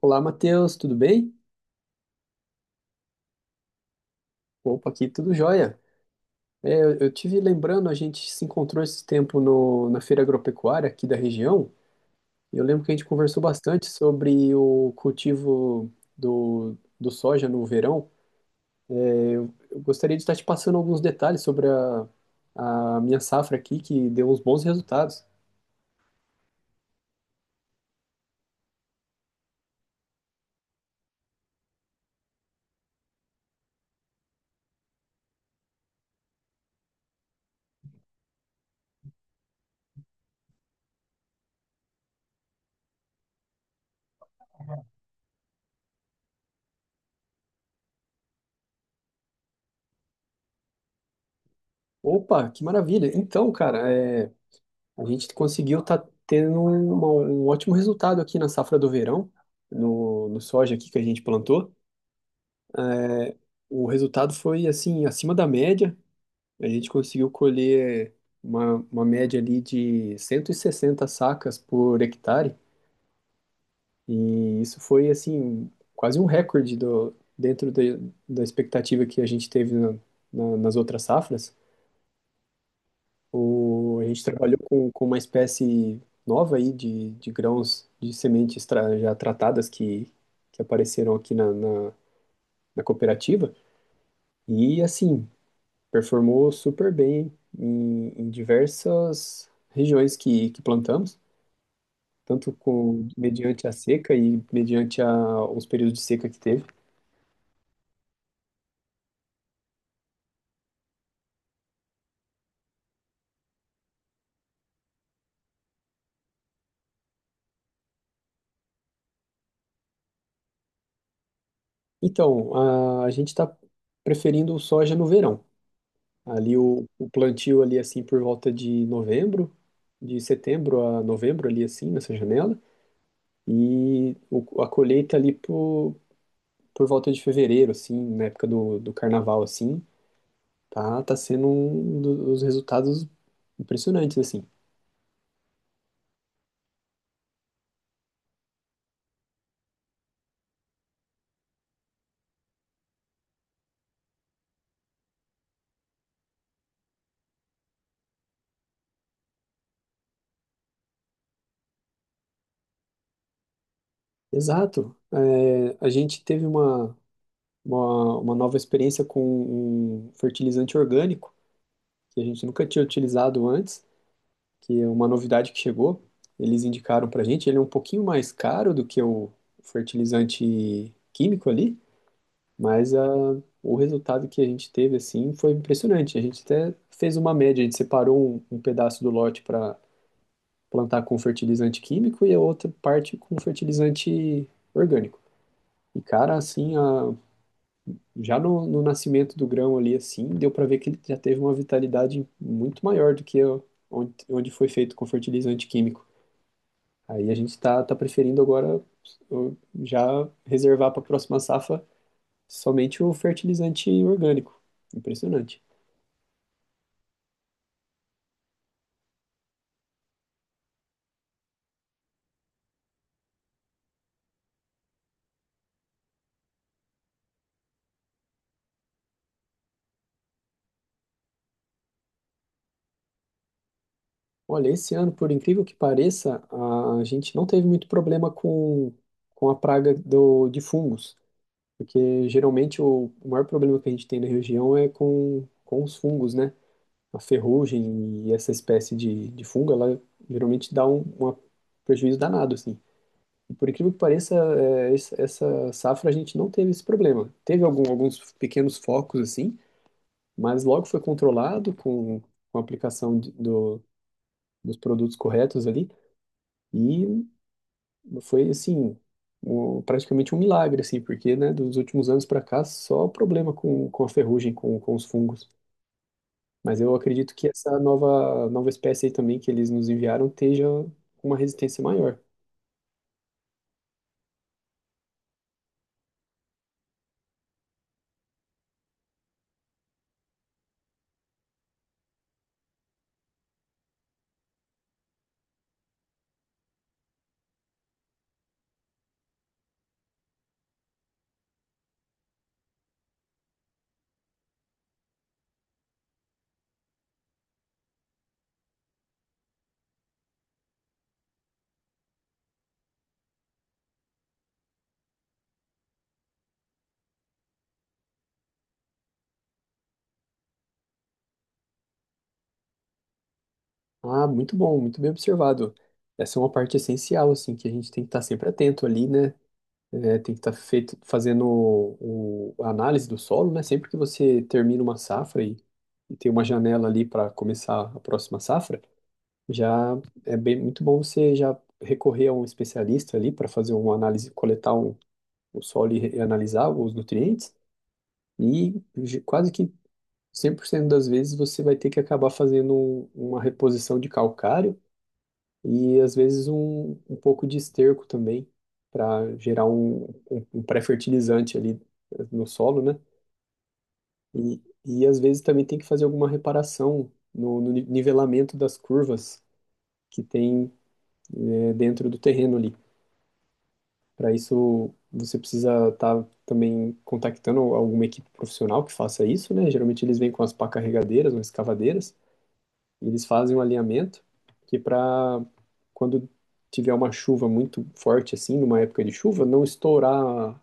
Olá, Matheus, tudo bem? Opa, aqui tudo jóia. Eu tive lembrando, a gente se encontrou esse tempo no, na feira agropecuária aqui da região, e eu lembro que a gente conversou bastante sobre o cultivo do soja no verão. Eu gostaria de estar te passando alguns detalhes sobre a minha safra aqui, que deu uns bons resultados. Opa, que maravilha! Então, cara, a gente conseguiu estar tendo um ótimo resultado aqui na safra do verão, no soja aqui que a gente plantou. O resultado foi assim, acima da média. A gente conseguiu colher uma média ali de 160 sacas por hectare. E isso foi assim, quase um recorde dentro da expectativa que a gente teve nas outras safras. A gente trabalhou com uma espécie nova aí de grãos de sementes já tratadas que apareceram aqui na, na cooperativa. E assim, performou super bem em diversas regiões que plantamos, tanto com mediante a seca e mediante os períodos de seca que teve. Então, a gente está preferindo soja no verão. Ali o plantio ali assim por volta de novembro, de setembro a novembro ali assim nessa janela e a colheita ali por volta de fevereiro assim, na época do carnaval assim. Tá sendo um dos resultados impressionantes, assim. Exato. A gente teve uma nova experiência com um fertilizante orgânico, que a gente nunca tinha utilizado antes, que é uma novidade que chegou. Eles indicaram pra gente, ele é um pouquinho mais caro do que o fertilizante químico ali, mas o resultado que a gente teve, assim, foi impressionante. A gente até fez uma média, a gente separou um pedaço do lote para plantar com fertilizante químico e a outra parte com fertilizante orgânico. E, cara, assim, já no nascimento do grão ali, assim, deu para ver que ele já teve uma vitalidade muito maior do que onde, onde foi feito com fertilizante químico. Aí a gente tá preferindo agora uh, já reservar para a próxima safra somente o fertilizante orgânico. Impressionante. Olha, esse ano, por incrível que pareça, a gente não teve muito problema com a praga de fungos. Porque geralmente o maior problema que a gente tem na região é com os fungos, né? A ferrugem e essa espécie de fungo, ela geralmente dá um prejuízo danado, assim. E por incrível que pareça, essa safra a gente não teve esse problema. Teve alguns pequenos focos, assim, mas logo foi controlado com a aplicação dos produtos corretos ali. E foi assim, praticamente um milagre, assim, porque, né, dos últimos anos para cá, só problema com a ferrugem, com os fungos. Mas eu acredito que essa nova espécie aí também que eles nos enviaram esteja com uma resistência maior. Ah, muito bom, muito bem observado. Essa é uma parte essencial, assim, que a gente tem que estar sempre atento ali, né? É, tem que estar feito, fazendo a análise do solo, né? Sempre que você termina uma safra e tem uma janela ali para começar a próxima safra, já é bem muito bom você já recorrer a um especialista ali para fazer uma análise, coletar o solo e analisar os nutrientes, e quase que 100% das vezes você vai ter que acabar fazendo uma reposição de calcário e às vezes um pouco de esterco também para gerar um pré-fertilizante ali no solo, né? E às vezes também tem que fazer alguma reparação no, no ni- nivelamento das curvas que tem, dentro do terreno ali. Para isso, você precisa estar também contactando alguma equipe profissional que faça isso, né? Geralmente eles vêm com as pá carregadeiras, ou escavadeiras, e eles fazem um alinhamento que para quando tiver uma chuva muito forte assim, numa época de chuva, não estourar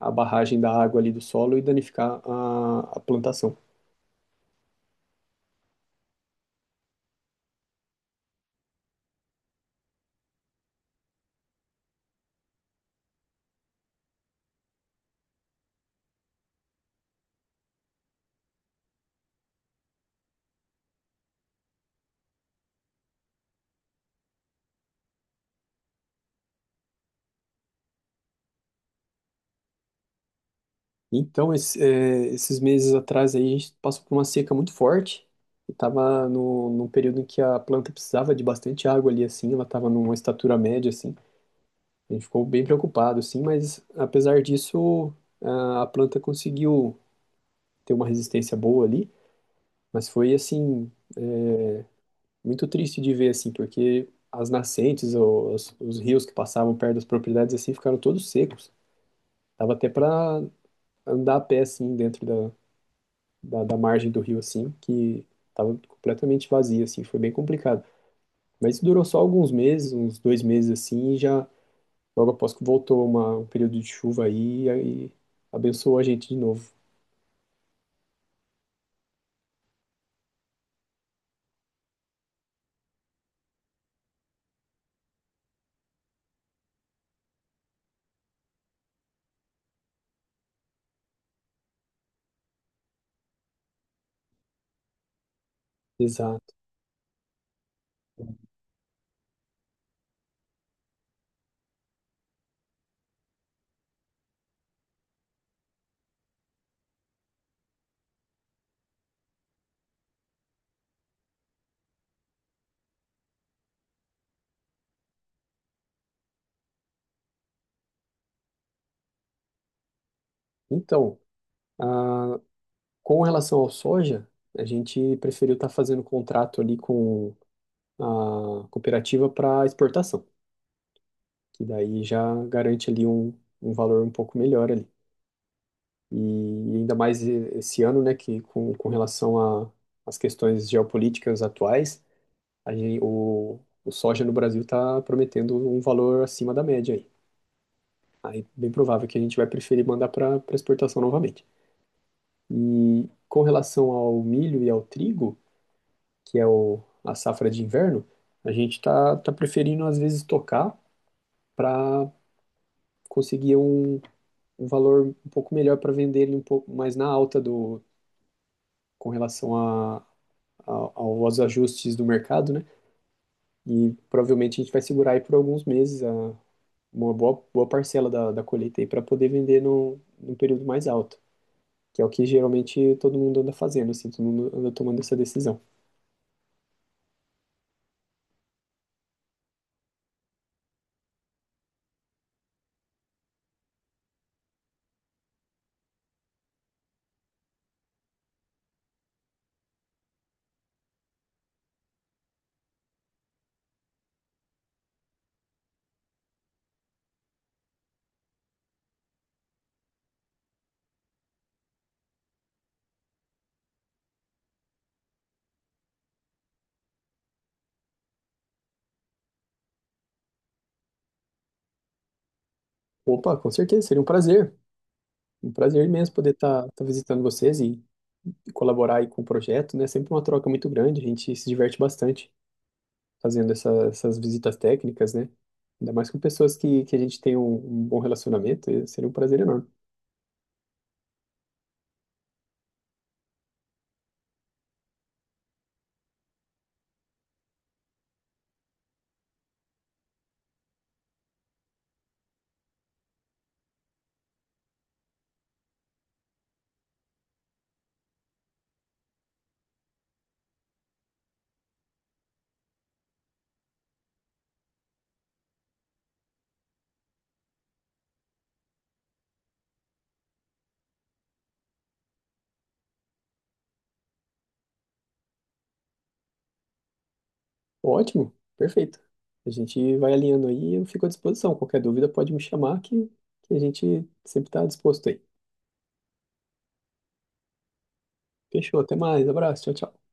a barragem da água ali do solo e danificar a plantação. Então, esses meses atrás aí, a gente passou por uma seca muito forte. E tava no, num período em que a planta precisava de bastante água ali, assim. Ela tava numa estatura média, assim. A gente ficou bem preocupado, assim. Mas, apesar disso, a planta conseguiu ter uma resistência boa ali. Mas foi, assim, muito triste de ver, assim. Porque as nascentes, os rios que passavam perto das propriedades, assim, ficaram todos secos. Tava até para andar a pé, assim, dentro da margem do rio, assim, que tava completamente vazia, assim, foi bem complicado. Mas durou só alguns meses, uns 2 meses, assim, e já logo após que voltou um período de chuva aí, e aí abençoou a gente de novo. Exato. Então, ah, com relação ao soja, a gente preferiu estar fazendo contrato ali com a cooperativa para exportação, que daí já garante ali um valor um pouco melhor ali. E ainda mais esse ano, né, que com relação a- às questões geopolíticas atuais, a gente, o soja no Brasil está prometendo um valor acima da média aí. Aí, bem provável que a gente vai preferir mandar para exportação novamente. E com relação ao milho e ao trigo, que é a safra de inverno, a gente está preferindo às vezes tocar para conseguir um valor um pouco melhor para vender ele um pouco mais na alta do, com relação a aos ajustes do mercado, né? E provavelmente a gente vai segurar aí por alguns meses uma boa parcela da colheita aí para poder vender num, num período mais alto, que é o que geralmente todo mundo anda fazendo, assim, todo mundo anda tomando essa decisão. Opa, com certeza, seria um prazer imenso poder estar visitando vocês e colaborar aí com o projeto, né? É sempre uma troca muito grande, a gente se diverte bastante fazendo essas visitas técnicas, né? Ainda mais com pessoas que a gente tem um bom relacionamento, e seria um prazer enorme. Ótimo, perfeito. A gente vai alinhando aí e eu fico à disposição. Qualquer dúvida pode me chamar que a gente sempre está disposto aí. Fechou, até mais, abraço, tchau, tchau.